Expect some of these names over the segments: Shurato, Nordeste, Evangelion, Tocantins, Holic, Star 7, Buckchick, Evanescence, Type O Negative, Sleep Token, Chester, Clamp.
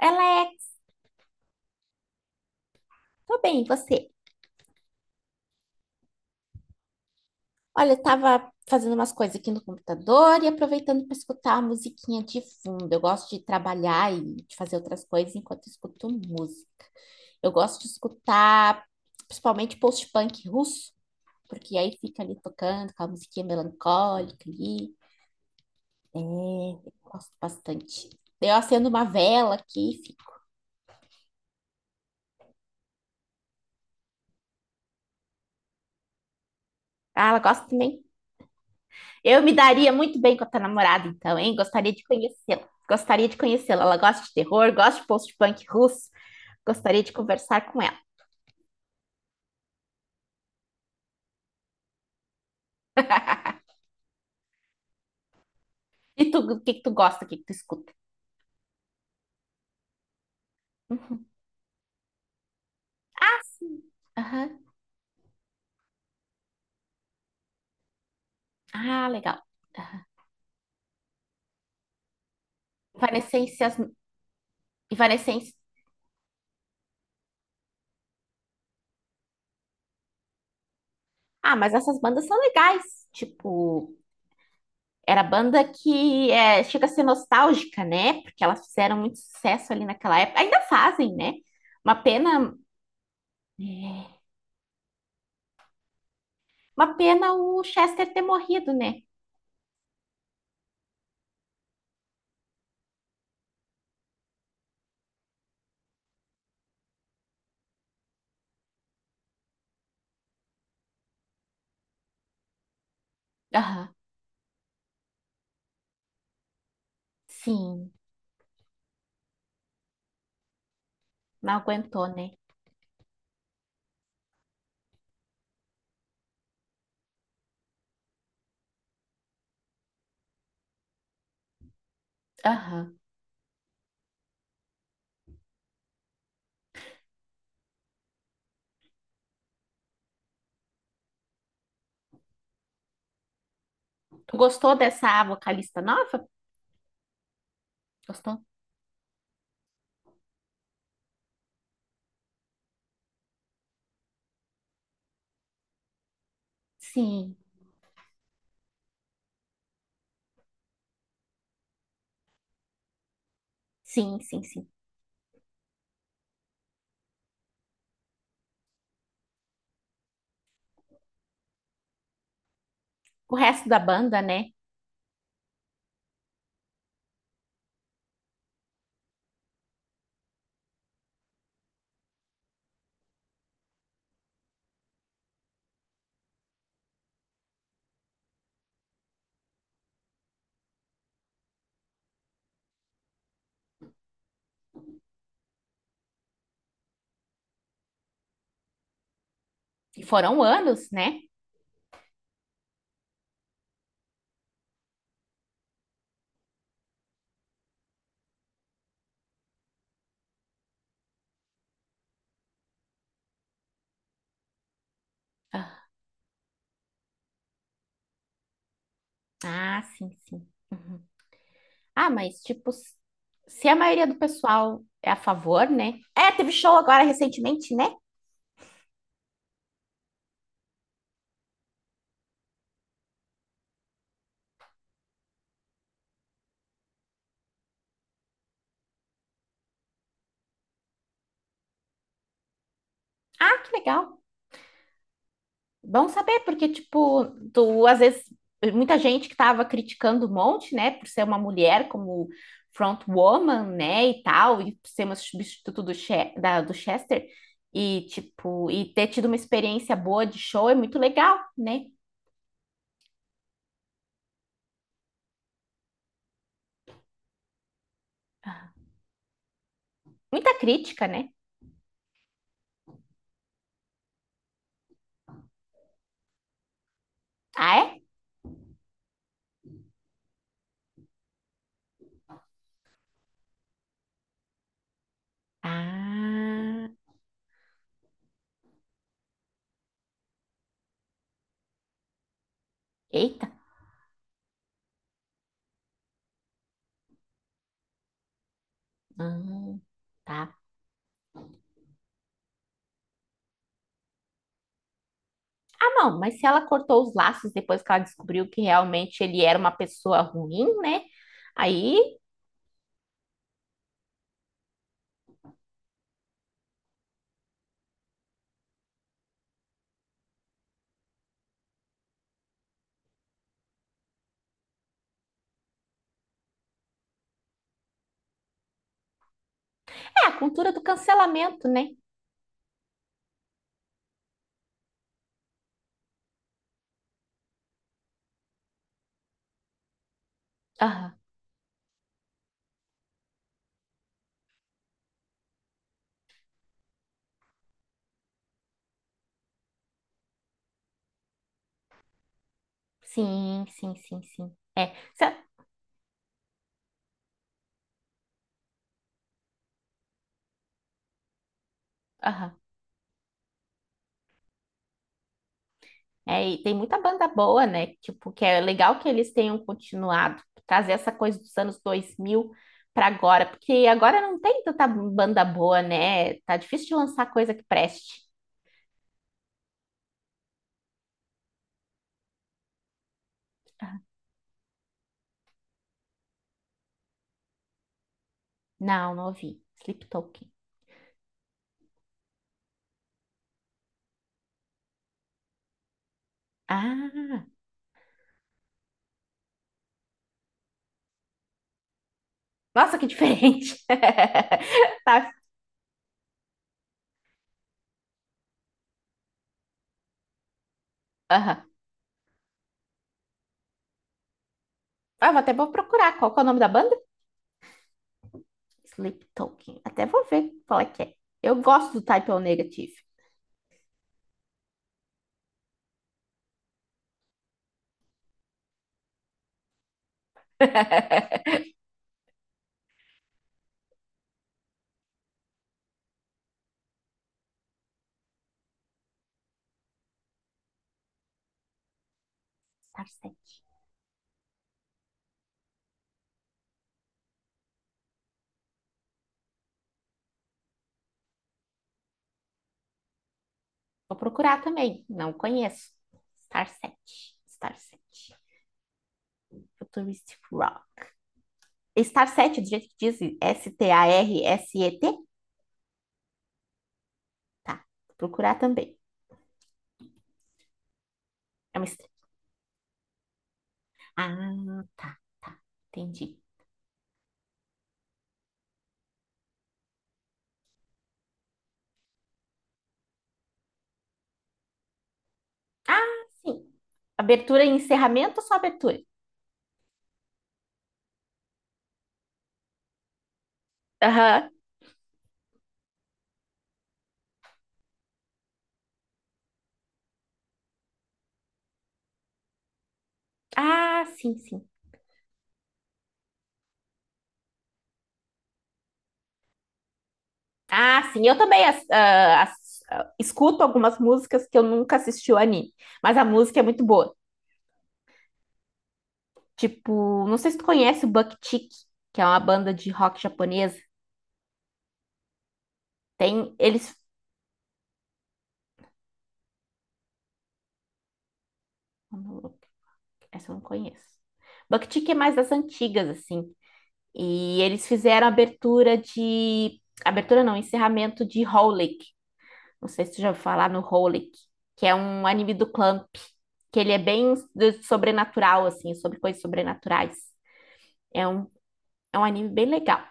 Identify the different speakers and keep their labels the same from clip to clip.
Speaker 1: Ela é, tô bem, e você? Olha, eu tava fazendo umas coisas aqui no computador e aproveitando para escutar a musiquinha de fundo. Eu gosto de trabalhar e de fazer outras coisas enquanto eu escuto música. Eu gosto de escutar principalmente post-punk russo, porque aí fica ali tocando com a musiquinha melancólica ali. É, eu gosto bastante. Eu acendo uma vela aqui, e fico. Ah, ela gosta também? Eu me daria muito bem com a tua namorada, então, hein? Gostaria de conhecê-la. Gostaria de conhecê-la. Ela gosta de terror, gosta de post-punk russo. Gostaria de conversar com ela. E tu, o que que tu gosta, o que que tu escuta? Uhum. Sim. Aham. Ah, legal. Aham. Evanescências, Evanescence. Ah, mas essas bandas são legais. Tipo, era banda que é, chega a ser nostálgica, né? Porque elas fizeram muito sucesso ali naquela época. Ainda fazem, né? Uma pena. É, uma pena o Chester ter morrido, né? Aham, sim, não aguentou, né? Aham. Tu gostou dessa vocalista nova? Gostou? Sim, sim, sim, sim. O resto da banda, né? E foram anos, né? Ah, ah, sim, sim. Uhum. Ah, mas tipo, se a maioria do pessoal é a favor, né? É, teve show agora recentemente, né? Ah, que legal. Bom saber, porque, tipo, tu, às vezes, muita gente que tava criticando um monte, né, por ser uma mulher como front woman, né, e tal, e por ser uma substituto do, do Chester, e, tipo, e ter tido uma experiência boa de show é muito legal, né? Muita crítica, né? Ah, é? Ah, eita. Ah, tá. Não, mas se ela cortou os laços depois que ela descobriu que realmente ele era uma pessoa ruim, né? Aí, é a cultura do cancelamento, né? Aham. Sim, sim, sim, sim. É, se- aham. É, e tem muita banda boa, né? Tipo, que é legal que eles tenham continuado, trazer essa coisa dos anos 2000 para agora, porque agora não tem tanta banda boa, né? Tá difícil de lançar coisa que preste. Não, não ouvi. Sleep Token. Ah, nossa, que diferente. Tá. Aham. Ah, eu até vou procurar qual que é o nome da banda. Sleep Token. Até vou ver qual é que é. Eu gosto do Type O Negative. Star 7. Vou procurar também. Não conheço. Star 7. Star 7. Futuristic Rock. Star 7, do jeito que diz S-T-A-R-S-E-T? Tá. Vou procurar também. É uma estrela. Ah, tá, tá. Entendi. Ah, sim. Abertura e encerramento ou só abertura? Aham. Ah, sim, sim. Ah, sim. Eu também escuto algumas músicas que eu nunca assisti o anime, mas a música é muito boa. Tipo, não sei se tu conhece o Buckchick, que é uma banda de rock japonesa. Tem eles. Essa eu não conheço. Buckchick é mais das antigas, assim. E eles fizeram abertura de. Abertura não, encerramento de Howley. Não sei se você já ouviu falar no Holic, que é um anime do Clamp, que ele é bem sobrenatural, assim, sobre coisas sobrenaturais. É um, é um anime bem legal.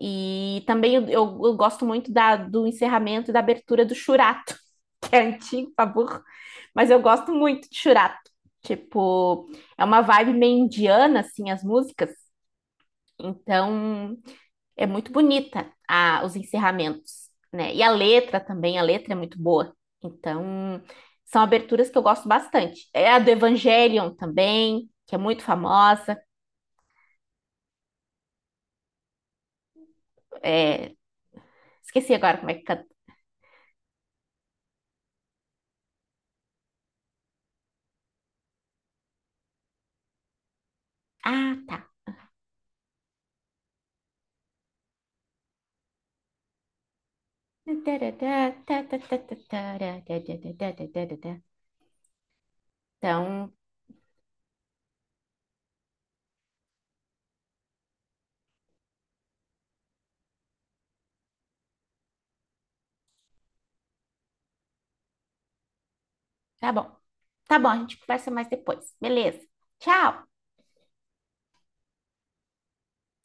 Speaker 1: E também eu gosto muito da, do encerramento e da abertura do Shurato, que é antigo, pra burro, mas eu gosto muito de Shurato. Tipo, é uma vibe meio indiana, assim, as músicas. Então, é muito bonita a, os encerramentos, né? E a letra também, a letra é muito boa. Então, são aberturas que eu gosto bastante. É a do Evangelion também, que é muito famosa. É, esqueci agora como é que canta. Ah, tá. Então, tá bom. Tá bom, a gente conversa mais depois. Beleza. Tchau!